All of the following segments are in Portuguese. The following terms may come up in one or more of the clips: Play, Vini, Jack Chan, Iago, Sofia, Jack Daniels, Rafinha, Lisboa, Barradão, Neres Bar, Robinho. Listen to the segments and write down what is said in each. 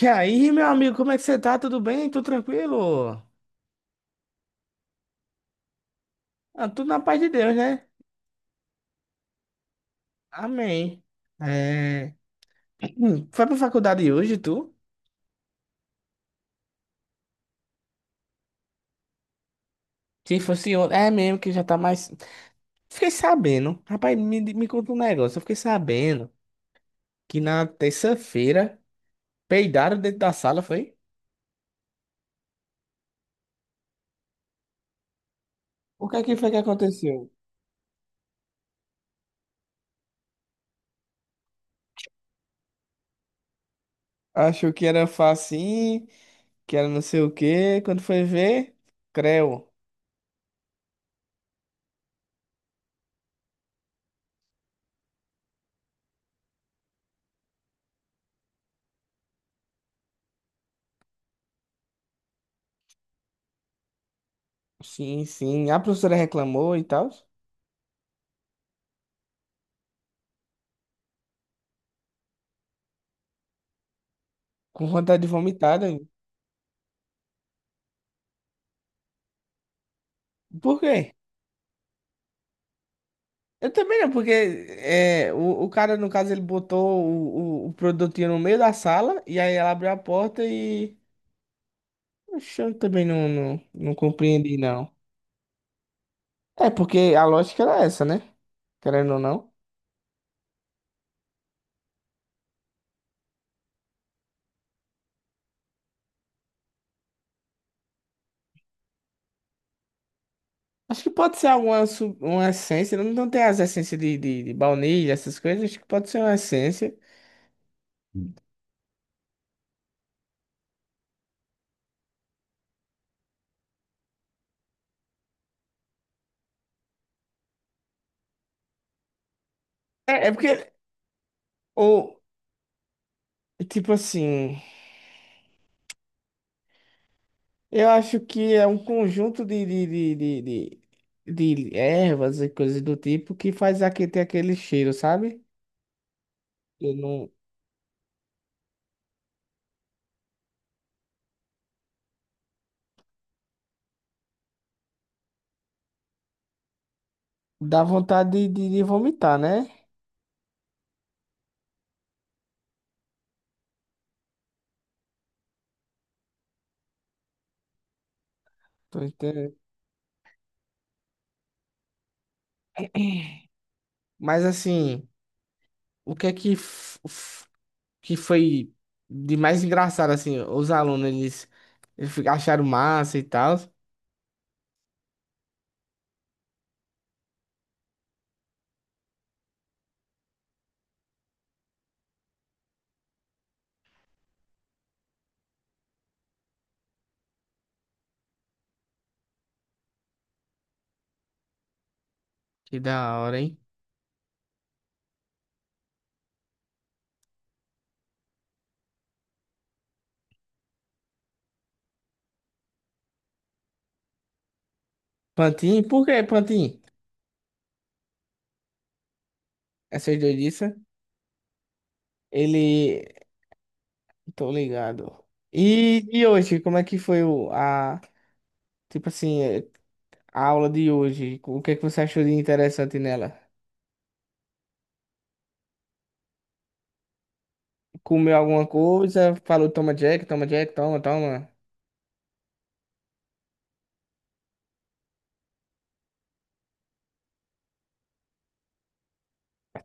E aí, meu amigo, como é que você tá? Tudo bem? Tudo tranquilo? Ah, tudo na paz de Deus, né? Amém. É... Foi pra faculdade hoje, tu? Se fosse ontem. É mesmo que já tá mais. Fiquei sabendo. Rapaz, me conta um negócio. Eu fiquei sabendo que na terça-feira peidaram dentro da sala, foi? O que é que foi que aconteceu? Achou que era facinho, que era não sei o quê. Quando foi ver, creu. Sim, sim. A professora reclamou e tal. Com vontade de vomitar, né? Por quê? Eu também não, porque o cara, no caso, ele botou o produtinho no meio da sala e aí ela abriu a porta e. Oxe, eu também não compreendi, não. É, porque a lógica era essa, né? Querendo ou não. Acho que pode ser alguma uma essência, não tem as essências de, de baunilha, essas coisas, acho que pode ser uma essência. É, porque, ou, tipo assim. Eu acho que é um conjunto de, de, de ervas e coisas do tipo que faz aqui ter aquele cheiro, sabe? Eu não Dá vontade de, de vomitar, né? Tô entendendo. Mas assim, o que é que, que foi de mais engraçado, assim? Os alunos, eles acharam massa e tal. Que da hora, hein? Pantin, por que Pantin? Essas doidices. Ele. Tô ligado. E hoje, como é que foi tipo assim, a aula de hoje? O que é que você achou de interessante nela? Comeu alguma coisa? Falou, toma Jack, toma Jack, toma, toma.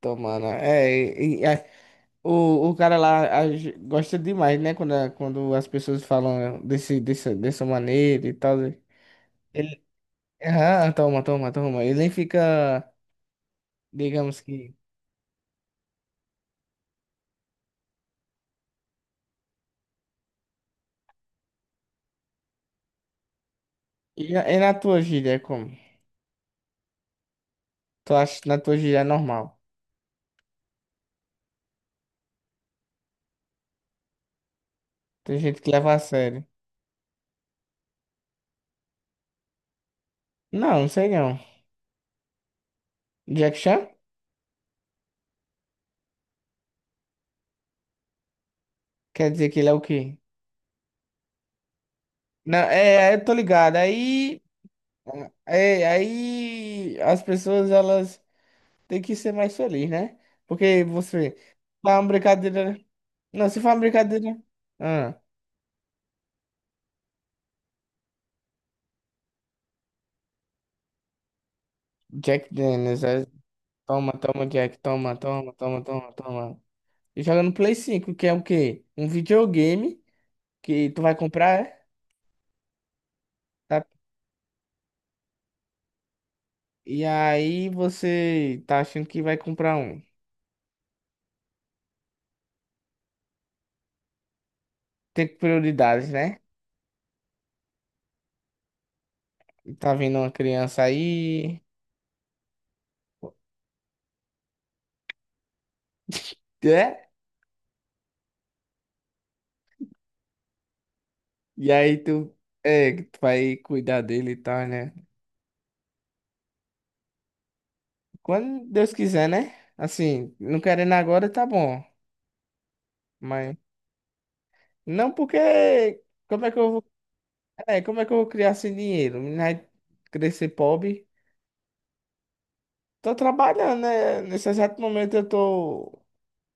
Tomando. É, o cara lá gosta demais, né? Quando as pessoas falam dessa maneira e tal, né? Ele, toma, toma, toma. Ele nem fica, digamos que. E na tua gíria, é como? Tu acha que na tua gíria é normal? Tem gente que leva a sério. Não, não sei não. Jack Chan? Quer dizer que ele é o quê? Não, eu tô ligado. Aí, as pessoas elas têm que ser mais felizes, né? Porque você faz uma brincadeira, né? Não, se faz uma brincadeira, né? Ah, Jack Daniels, toma, toma, Jack, toma, toma, toma, toma, toma. E joga no Play 5 que é o quê? Um videogame que tu vai comprar, é? Tá? E aí você tá achando que vai comprar um. Tem prioridades, né? E tá vindo uma criança aí, é? E aí que tu vai cuidar dele e tal, né? Quando Deus quiser, né? Assim, não querendo agora, tá bom. Mas não porque como é que eu vou criar sem dinheiro? Menina vai crescer pobre. Tô trabalhando, né? Nesse exato momento eu tô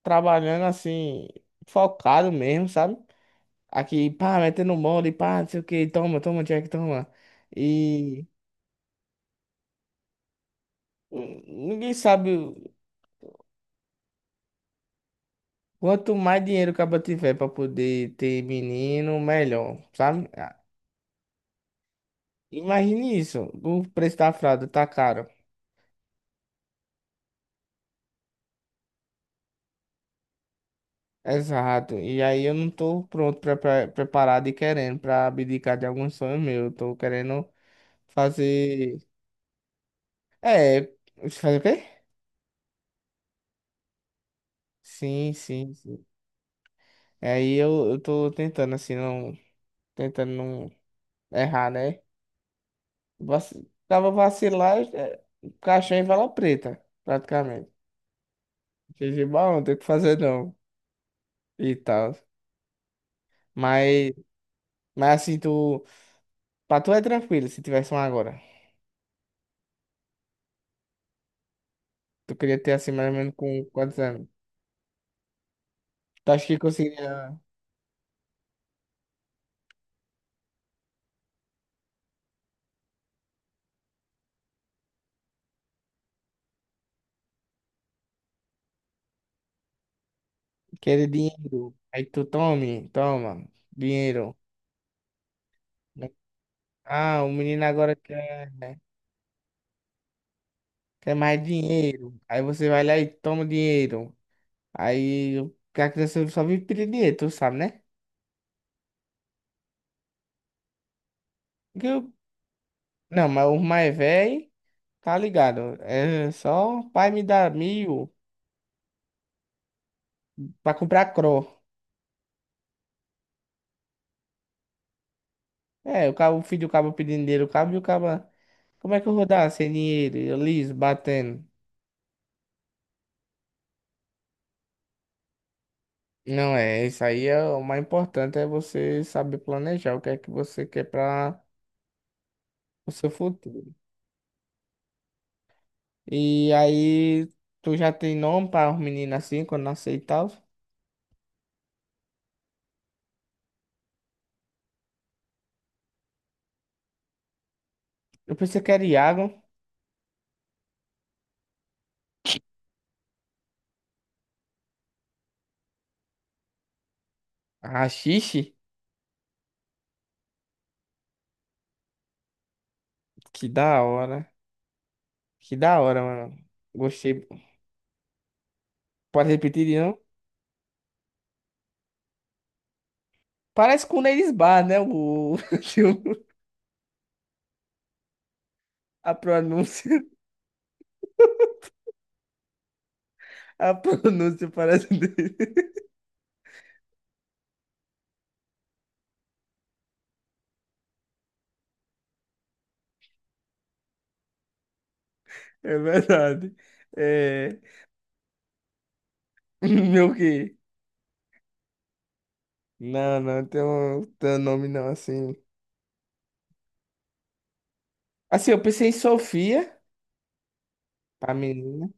trabalhando assim, focado mesmo, sabe? Aqui, pá, metendo mole, pá, não sei o que, toma, toma, Jack, toma. E Ninguém sabe. Quanto mais dinheiro o cara tiver pra poder ter menino, melhor, sabe? Ah, imagine isso. O preço da fralda tá caro. Exato. E aí eu não tô pronto, preparado e querendo pra abdicar de alguns sonhos meus. Eu tô querendo fazer. É, fazer o quê? Sim, sim, sim. Aí eu tô tentando, assim, não. Tentando não errar, né? Vac... Tava vacilar, caixão em vala preta, praticamente. Futebol não tem o que fazer não. E tal. Mas, mas, assim, tu. Pra tu é tranquilo se tivesse um agora. Tu queria ter assim mais ou menos com quantos anos? Tu acha que conseguiria querer dinheiro? Aí tu tome, toma, dinheiro. Ah, o menino agora quer, né, quer mais dinheiro. Aí você vai lá e toma o dinheiro. Aí a criança só vive pedir dinheiro, tu sabe, né? Porque não, mas o mais velho, tá ligado? É só pai me dá mil pra comprar cro É, o cabo, o filho do cabo pedindo dinheiro, o cabo e o cabo. Como é que eu vou dar sem dinheiro? Eu liso, batendo. Não é, isso aí é o mais importante é você saber planejar o que é que você quer para o seu futuro. E aí, tu já tem nome para os meninos assim, quando nascer e tal? Eu pensei que era Iago. Ah, xixi? Que da hora. Que da hora, mano. Gostei. Pode repetir de novo? Parece com o Neres Bar, né? A pronúncia. A pronúncia parece dele. É verdade. É... Meu quê? Não, não tem um nome não, assim. Assim, eu pensei em Sofia, pra menina.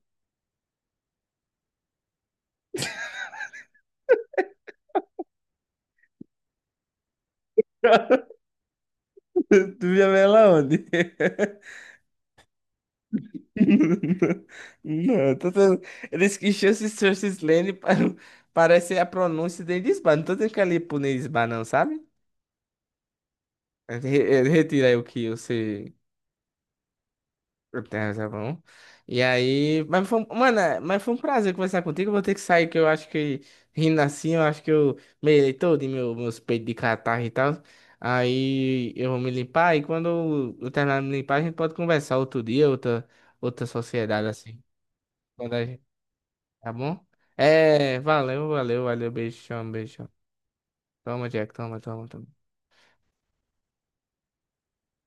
Tu já vê ela onde? Não, tô tendo... Eles que chances, chances, Lane para... parece a pronúncia de Lisboa. Não tô tendo que ali punir Lisboa, não, sabe? Retira aí o que você... Tem razão. E aí, mano, mas foi um prazer conversar contigo. Eu vou ter que sair, que eu acho que rindo assim, eu acho que eu melei todo em meus peitos de catarro e tal. Aí eu vou me limpar e quando eu terminar de me limpar, a gente pode conversar outro dia, outra sociedade assim. Quando a gente, tá bom? É, valeu, valeu, valeu, beijão, beijão. Toma, Jack, toma, toma, toma.